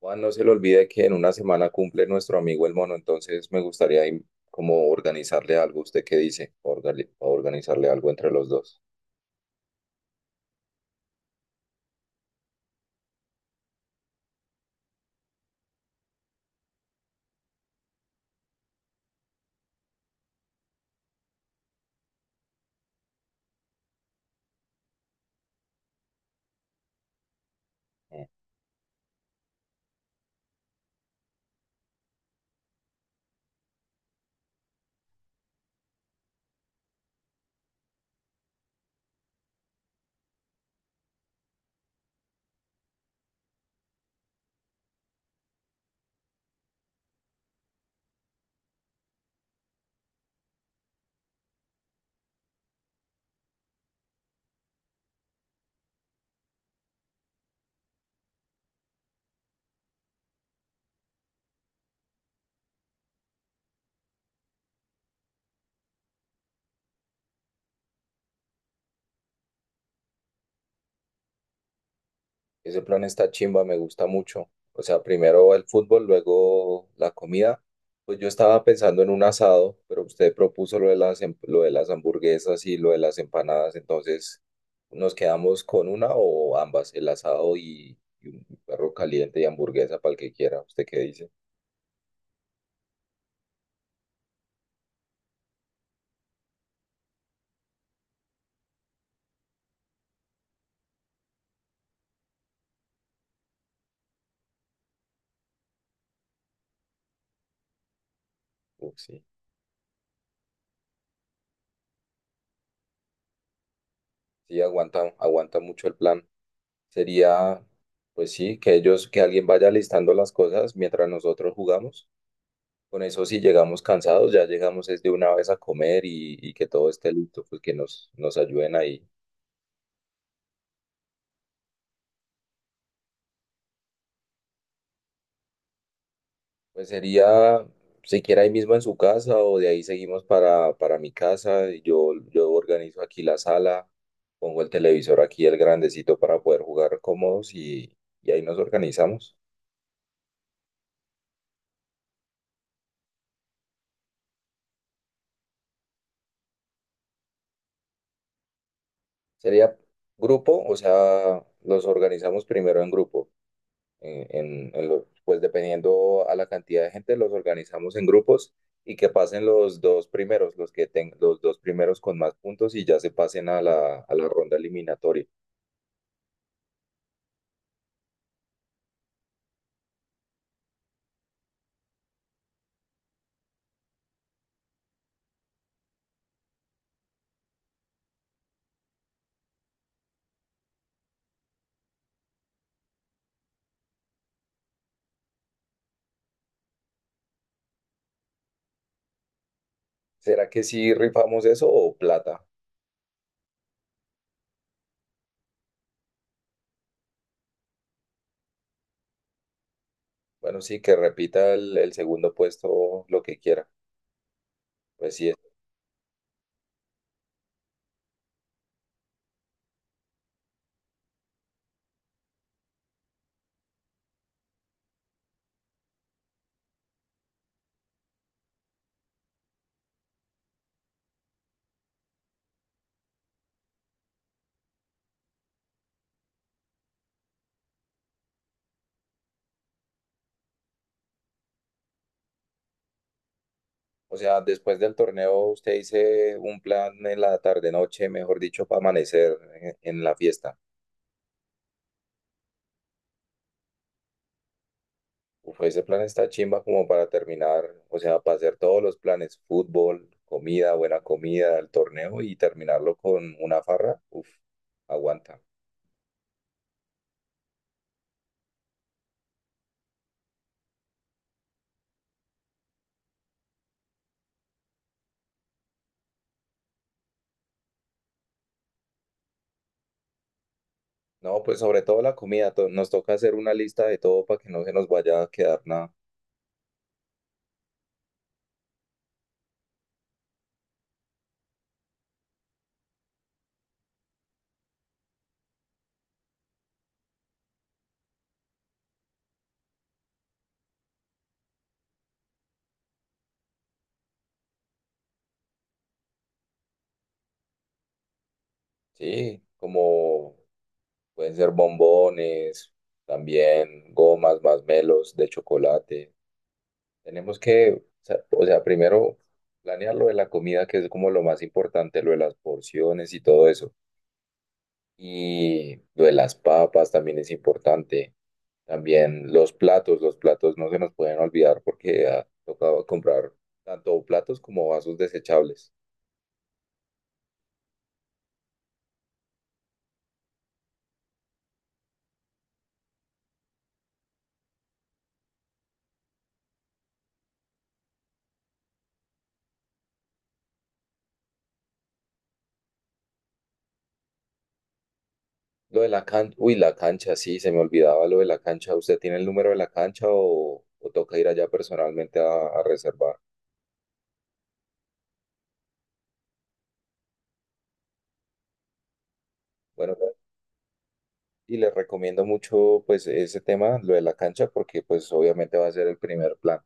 Juan, no se le olvide que en una semana cumple nuestro amigo el mono, entonces me gustaría como organizarle algo. ¿Usted qué dice? Organizarle algo entre los dos. Mm. Ese plan está chimba, me gusta mucho. O sea, primero el fútbol, luego la comida. Pues yo estaba pensando en un asado, pero usted propuso lo de las, lo de las hamburguesas y lo de las empanadas, entonces nos quedamos con una o ambas, el asado y un perro caliente y hamburguesa para el que quiera. ¿Usted qué dice? Uf, sí. Sí, aguanta mucho el plan. Sería, pues sí, que ellos, que alguien vaya listando las cosas mientras nosotros jugamos. Con eso, si llegamos cansados, ya llegamos es de una vez a comer y que todo esté listo, pues que nos ayuden ahí. Pues sería, siquiera ahí mismo en su casa o de ahí seguimos para mi casa. Yo organizo aquí la sala, pongo el televisor aquí, el grandecito para poder jugar cómodos y ahí nos organizamos. Sería grupo, o sea, los organizamos primero en grupo. Pues dependiendo a la cantidad de gente, los organizamos en grupos y que pasen los dos primeros, los que tengan los dos primeros con más puntos y ya se pasen a a la ronda eliminatoria. ¿Será que sí rifamos eso o plata? Bueno, sí, que repita el segundo puesto lo que quiera. Pues sí, o sea, después del torneo usted dice un plan en la tarde-noche, mejor dicho, para amanecer en la fiesta. Uf, ese plan está chimba como para terminar, o sea, para hacer todos los planes, fútbol, comida, buena comida, el torneo y terminarlo con una farra. Uf, aguanta. No, pues sobre todo la comida, nos toca hacer una lista de todo para que no se nos vaya a quedar nada. Sí, como pueden ser bombones, también gomas, masmelos de chocolate. Tenemos que, o sea, primero planear lo de la comida, que es como lo más importante, lo de las porciones y todo eso. Y lo de las papas también es importante. También los platos no se nos pueden olvidar porque ha tocado comprar tanto platos como vasos desechables. Lo de la cancha, uy, la cancha, sí, se me olvidaba lo de la cancha. ¿Usted tiene el número de la cancha o toca ir allá personalmente a reservar? Bueno, y les recomiendo mucho pues ese tema, lo de la cancha, porque pues obviamente va a ser el primer plan.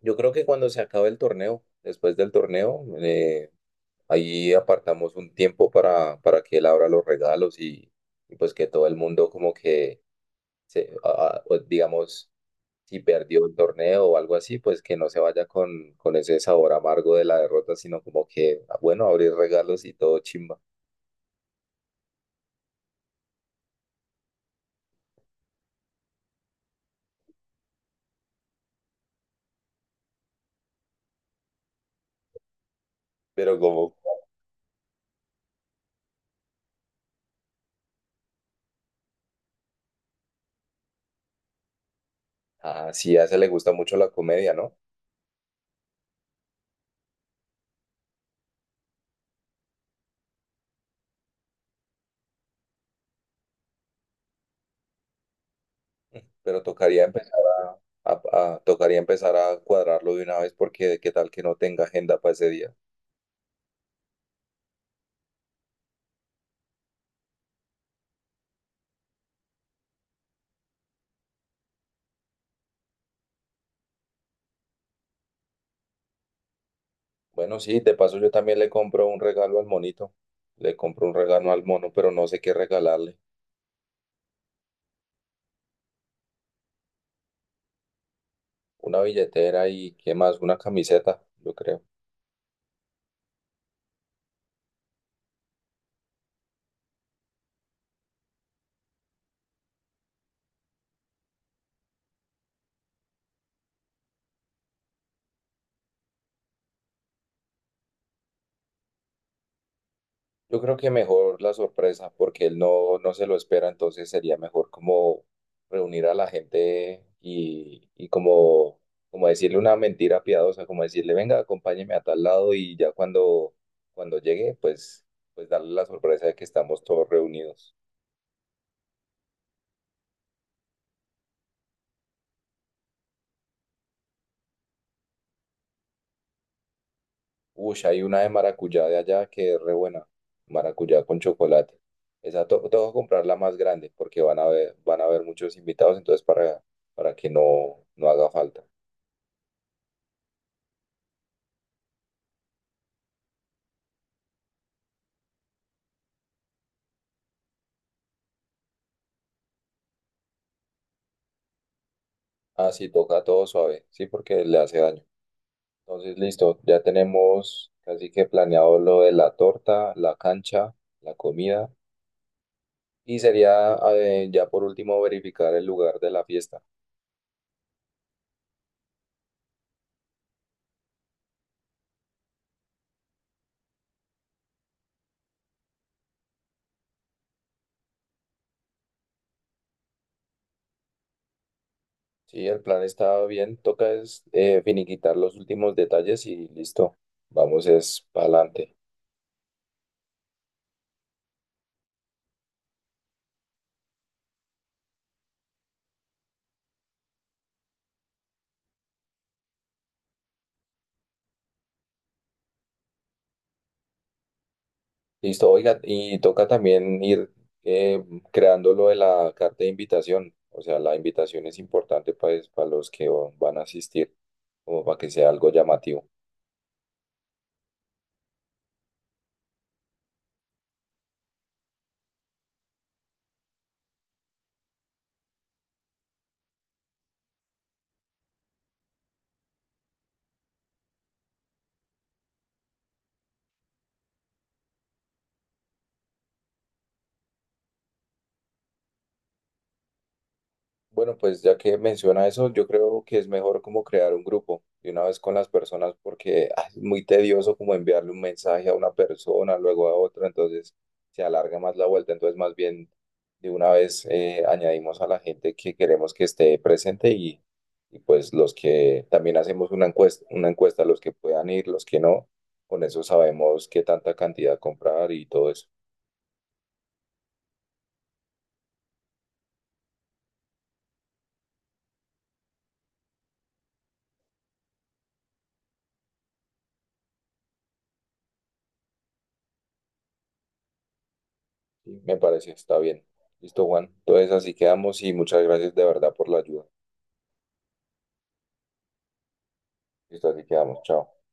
Yo creo que cuando se acabe el torneo, después del torneo, ahí apartamos un tiempo para que él abra los regalos y pues que todo el mundo como que, pues, digamos, si perdió el torneo o algo así, pues que no se vaya con ese sabor amargo de la derrota, sino como que, ah, bueno, abrir regalos y todo chimba. Pero como, ah sí, a ese le gusta mucho la comedia, ¿no? Pero tocaría empezar tocaría empezar a cuadrarlo de una vez porque qué tal que no tenga agenda para ese día. Bueno, sí, de paso yo también le compro un regalo al monito. Le compro un regalo al mono, pero no sé qué regalarle. Una billetera y qué más, una camiseta, yo creo. Yo creo que mejor la sorpresa, porque él no, no se lo espera, entonces sería mejor como reunir a la gente y como, como decirle una mentira piadosa, como decirle, venga, acompáñeme a tal lado y ya cuando llegue, pues darle la sorpresa de que estamos todos reunidos. Uy, hay una de maracuyá de allá que es re buena. Maracuyá con chocolate. Esa to tengo que comprar la más grande porque van a ver, van a haber muchos invitados, entonces para que no, no haga falta. Ah, sí, toca todo suave, sí, porque le hace daño. Entonces, listo, ya tenemos casi que planeado lo de la torta, la cancha, la comida. Y sería ya por último verificar el lugar de la fiesta. Sí, el plan está bien. Toca es finiquitar los últimos detalles y listo. Vamos es para adelante. Listo, oiga, y toca también ir eh, creando lo de la carta de invitación. O sea, la invitación es importante para los que van a asistir, como para que sea algo llamativo. Bueno, pues ya que menciona eso, yo creo que es mejor como crear un grupo de una vez con las personas porque es muy tedioso como enviarle un mensaje a una persona, luego a otra, entonces se alarga más la vuelta, entonces más bien de una vez añadimos a la gente que queremos que esté presente y pues los que también hacemos una encuesta, los que puedan ir, los que no, con eso sabemos qué tanta cantidad comprar y todo eso. Me parece, está bien. Listo, Juan. Entonces así quedamos y muchas gracias de verdad por la ayuda. Listo, así quedamos. Chao.